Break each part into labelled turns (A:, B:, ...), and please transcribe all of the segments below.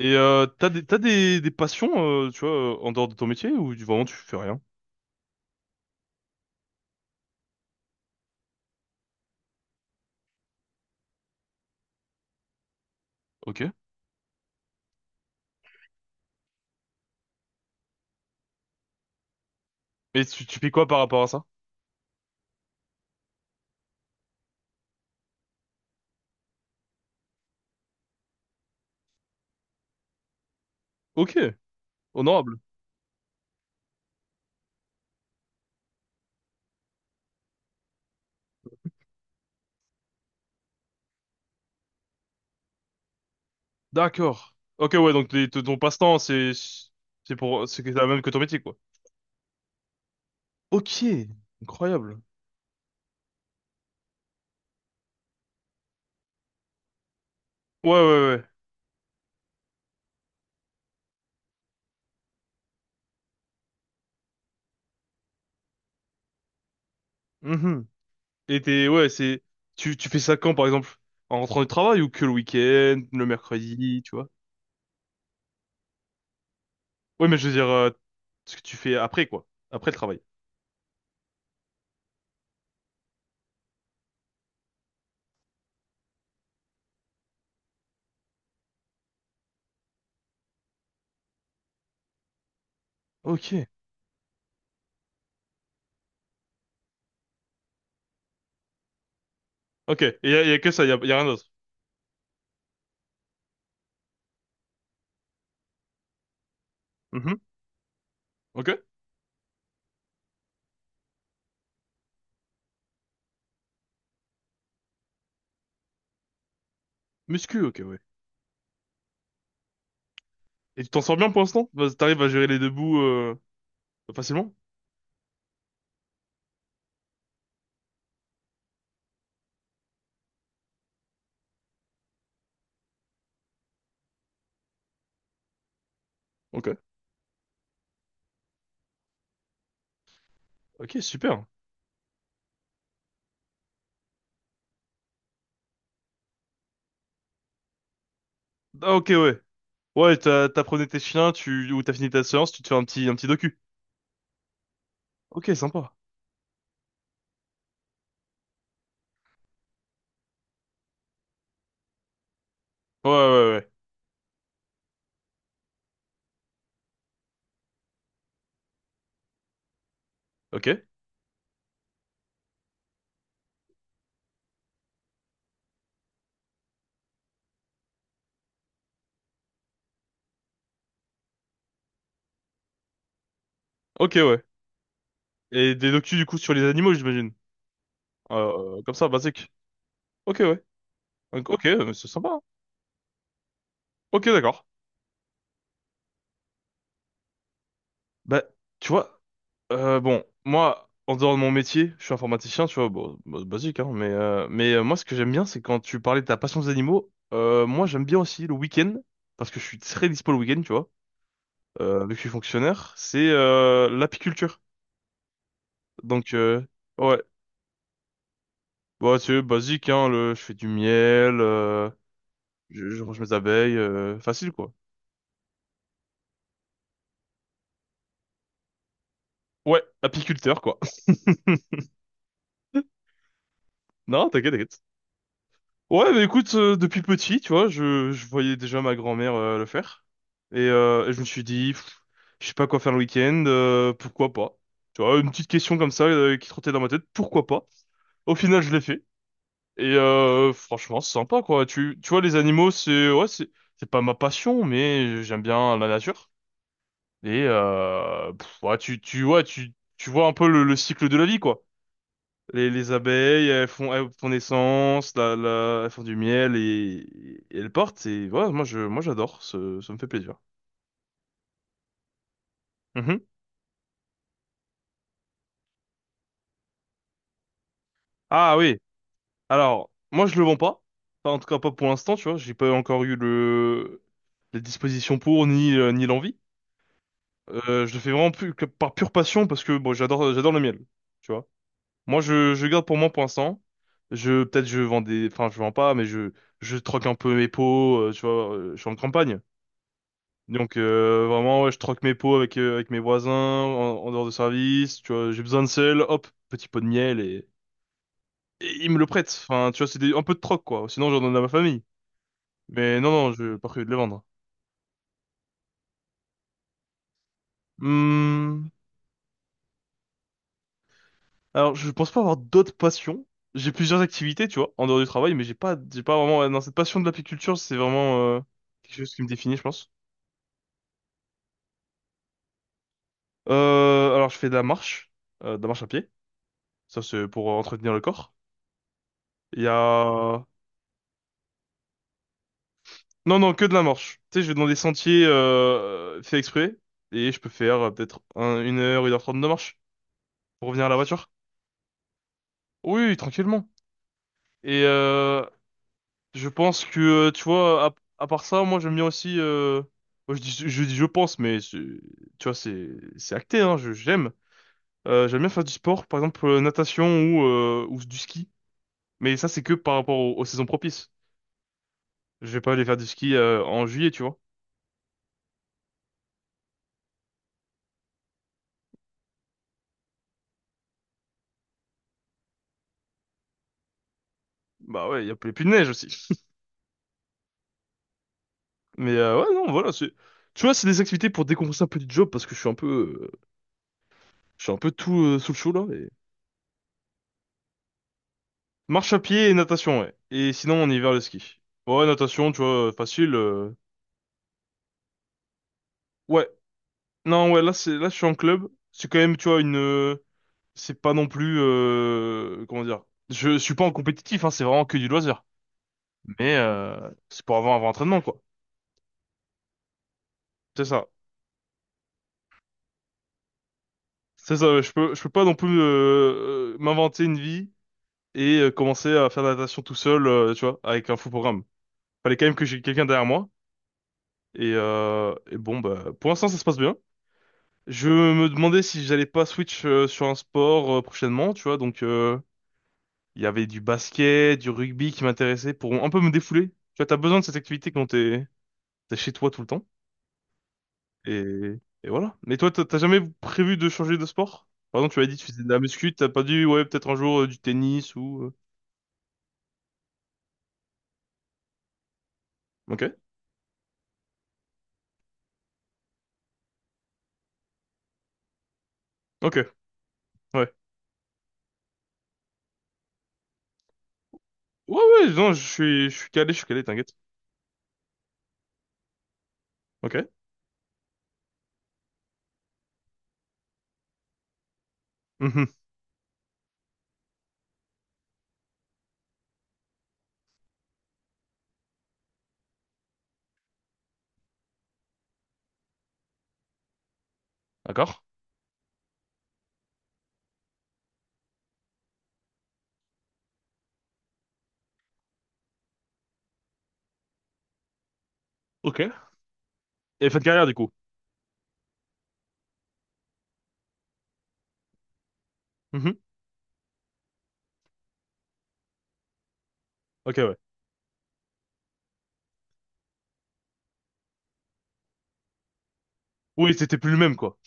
A: T'as des passions, tu vois, en dehors de ton métier ou vraiment tu fais rien? Ok. Et tu fais quoi par rapport à ça? Ok. Honorable. D'accord. Ok, ouais, donc ton passe-temps, c'est la même que ton métier, quoi. Ok. Incroyable. Ouais, ouais, ouais. Mhm. Ouais, tu fais ça quand, par exemple? En rentrant du travail ou que le week-end, le mercredi, tu vois? Ouais, mais je veux dire, ce que tu fais après, quoi. Après le travail. Ok. Ok. Et y a que ça, y a rien d'autre. Mhm. Ok. Muscu, ok, ouais. Et tu t'en sors bien pour l'instant? T'arrives à gérer les deux bouts facilement? Ok. Ok, super. Ah, ok, ouais. Ouais, t'apprenais tes chiens, ou t'as fini ta séance, tu te fais un petit docu. Ok, sympa. Ouais, ouais, ouais. Ok. Ok, ouais. Et des docus, du coup, sur les animaux, j'imagine. Comme ça, basique. Ok, ouais. Ok, c'est sympa, hein. Ok, d'accord. Bah, tu vois, bon, moi, en dehors de mon métier, je suis informaticien, tu vois, bon, bah, basique, hein, mais, moi, ce que j'aime bien, c'est quand tu parlais de ta passion des animaux, moi, j'aime bien aussi le week-end, parce que je suis très dispo le week-end, tu vois, vu que je suis fonctionnaire, c'est l'apiculture. Donc, ouais, bah, c'est basique, hein, je fais du miel, je range mes abeilles, facile, quoi. Ouais, apiculteur, quoi. Non, t'inquiète, t'inquiète. Ouais, bah écoute, depuis petit, tu vois, je voyais déjà ma grand-mère le faire. Et je me suis dit, je sais pas quoi faire le week-end, pourquoi pas? Tu vois, une petite question comme ça qui trottait dans ma tête, pourquoi pas? Au final, je l'ai fait. Franchement, c'est sympa, quoi. Tu vois, les animaux, c'est, ouais, c'est pas ma passion, mais j'aime bien la nature. Ouais, ouais, tu vois un peu le cycle de la vie, quoi. Les abeilles, elles font naissance, elles font du miel et elles portent. Et voilà, moi j'adore, ça me fait plaisir. Mhm. Ah oui. Alors, moi je le vends pas. Enfin, en tout cas pas pour l'instant, tu vois. J'ai pas encore eu le les dispositions pour ni ni l'envie. Je le fais vraiment plus que par pure passion parce que bon, j'adore le miel, tu vois. Moi je garde pour moi pour l'instant. Je Peut-être je vends des, enfin je vends pas, mais je troque un peu mes pots, tu vois. Je suis en campagne. Donc vraiment, ouais, je troque mes pots avec mes voisins en dehors de service. Tu vois, j'ai besoin de sel, hop, petit pot de miel et ils me le prêtent. Enfin, tu vois, un peu de troc quoi. Sinon, j'en donne à ma famille. Mais non, non, je pas prévu de les vendre. Hmm. Alors, je pense pas avoir d'autres passions. J'ai plusieurs activités, tu vois, en dehors du travail, mais j'ai pas vraiment. Dans cette passion de l'apiculture, c'est vraiment quelque chose qui me définit, je pense. Alors, je fais de la marche à pied. Ça, c'est pour entretenir le corps. Il y a. Non, non, que de la marche. Tu sais, je vais dans des sentiers faits exprès, et je peux faire peut-être 1 heure, 1h30 de marche pour revenir à la voiture. Oui, tranquillement. Et euh, je pense que, tu vois, à part ça, moi j'aime bien aussi. Moi, je dis je pense, mais tu vois, c'est acté, hein, j'aime. J'aime bien faire du sport, par exemple natation ou du ski. Mais ça, c'est que par rapport aux saisons propices. Je vais pas aller faire du ski en juillet, tu vois. Bah ouais, il y a plus de neige aussi. Ouais, non, voilà, c'est. Tu vois, c'est des activités pour décompresser un peu du job parce que je suis un peu, je suis un peu tout sous le chaud là. Et. Marche à pied et natation, ouais. Et sinon, on hiver le ski. Ouais, natation, tu vois, facile. Ouais, non, ouais, là, là, je suis en club. C'est quand même, tu vois, c'est pas non plus, comment dire. Je suis pas en compétitif, hein, c'est vraiment que du loisir. C'est pour avoir un vrai entraînement, quoi. C'est ça. C'est ça, ouais, je peux pas non plus m'inventer une vie et commencer à faire de la natation tout seul, tu vois, avec un fou programme. Fallait quand même que j'ai quelqu'un derrière moi. Et bon, bah, pour l'instant, ça se passe bien. Je me demandais si j'allais pas switch sur un sport prochainement, tu vois. Donc, il y avait du basket, du rugby qui m'intéressait pour un peu me défouler. Tu vois, t'as besoin de cette activité quand t'es chez toi tout le temps. Et, et voilà. Mais toi, t'as jamais prévu de changer de sport? Par exemple, tu m'avais dit que tu faisais de la muscu, t'as pas dit, ouais, peut-être un jour du tennis ou. Ok, ok, ouais. Ouais, ouais, non, je suis calé, t'inquiète. Ok. Mhm. D'accord. Ok. Et fin de carrière, du coup. Mhm. Ok, ouais. Oui, c'était plus le même, quoi.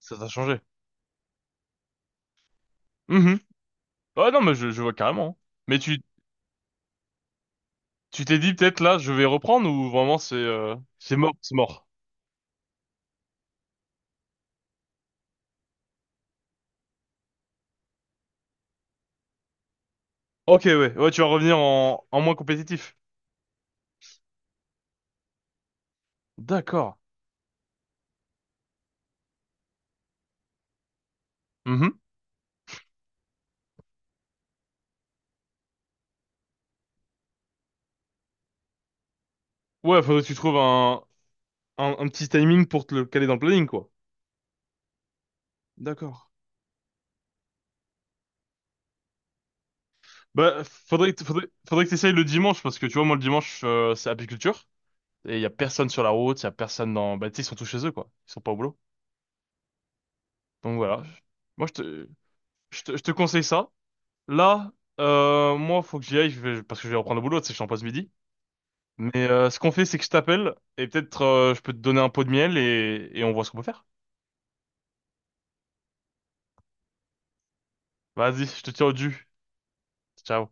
A: Ça t'a changé. Mhm. Ouais, non, mais je vois carrément, hein. Mais tu t'es dit, peut-être, là, je vais reprendre ou vraiment, c'est mort, c'est mort. Ok, ouais. Ouais, tu vas revenir en moins compétitif. D'accord. Mhm. Ouais, faudrait que tu trouves un petit timing pour te le caler dans le planning, quoi. D'accord. Bah, faudrait que t'essayes le dimanche, parce que tu vois, moi, le dimanche, c'est apiculture. Et il y a personne sur la route, il y a personne dans. Bah, tu sais, ils sont tous chez eux, quoi. Ils sont pas au boulot. Donc voilà. Moi, je te conseille ça. Là, moi, faut que j'y aille parce que je vais reprendre le boulot, tu sais, je suis en pause midi. Ce qu'on fait, c'est que je t'appelle et peut-être je peux te donner un pot de miel et on voit ce qu'on peut faire. Vas-y, je te tiens au jus. Ciao.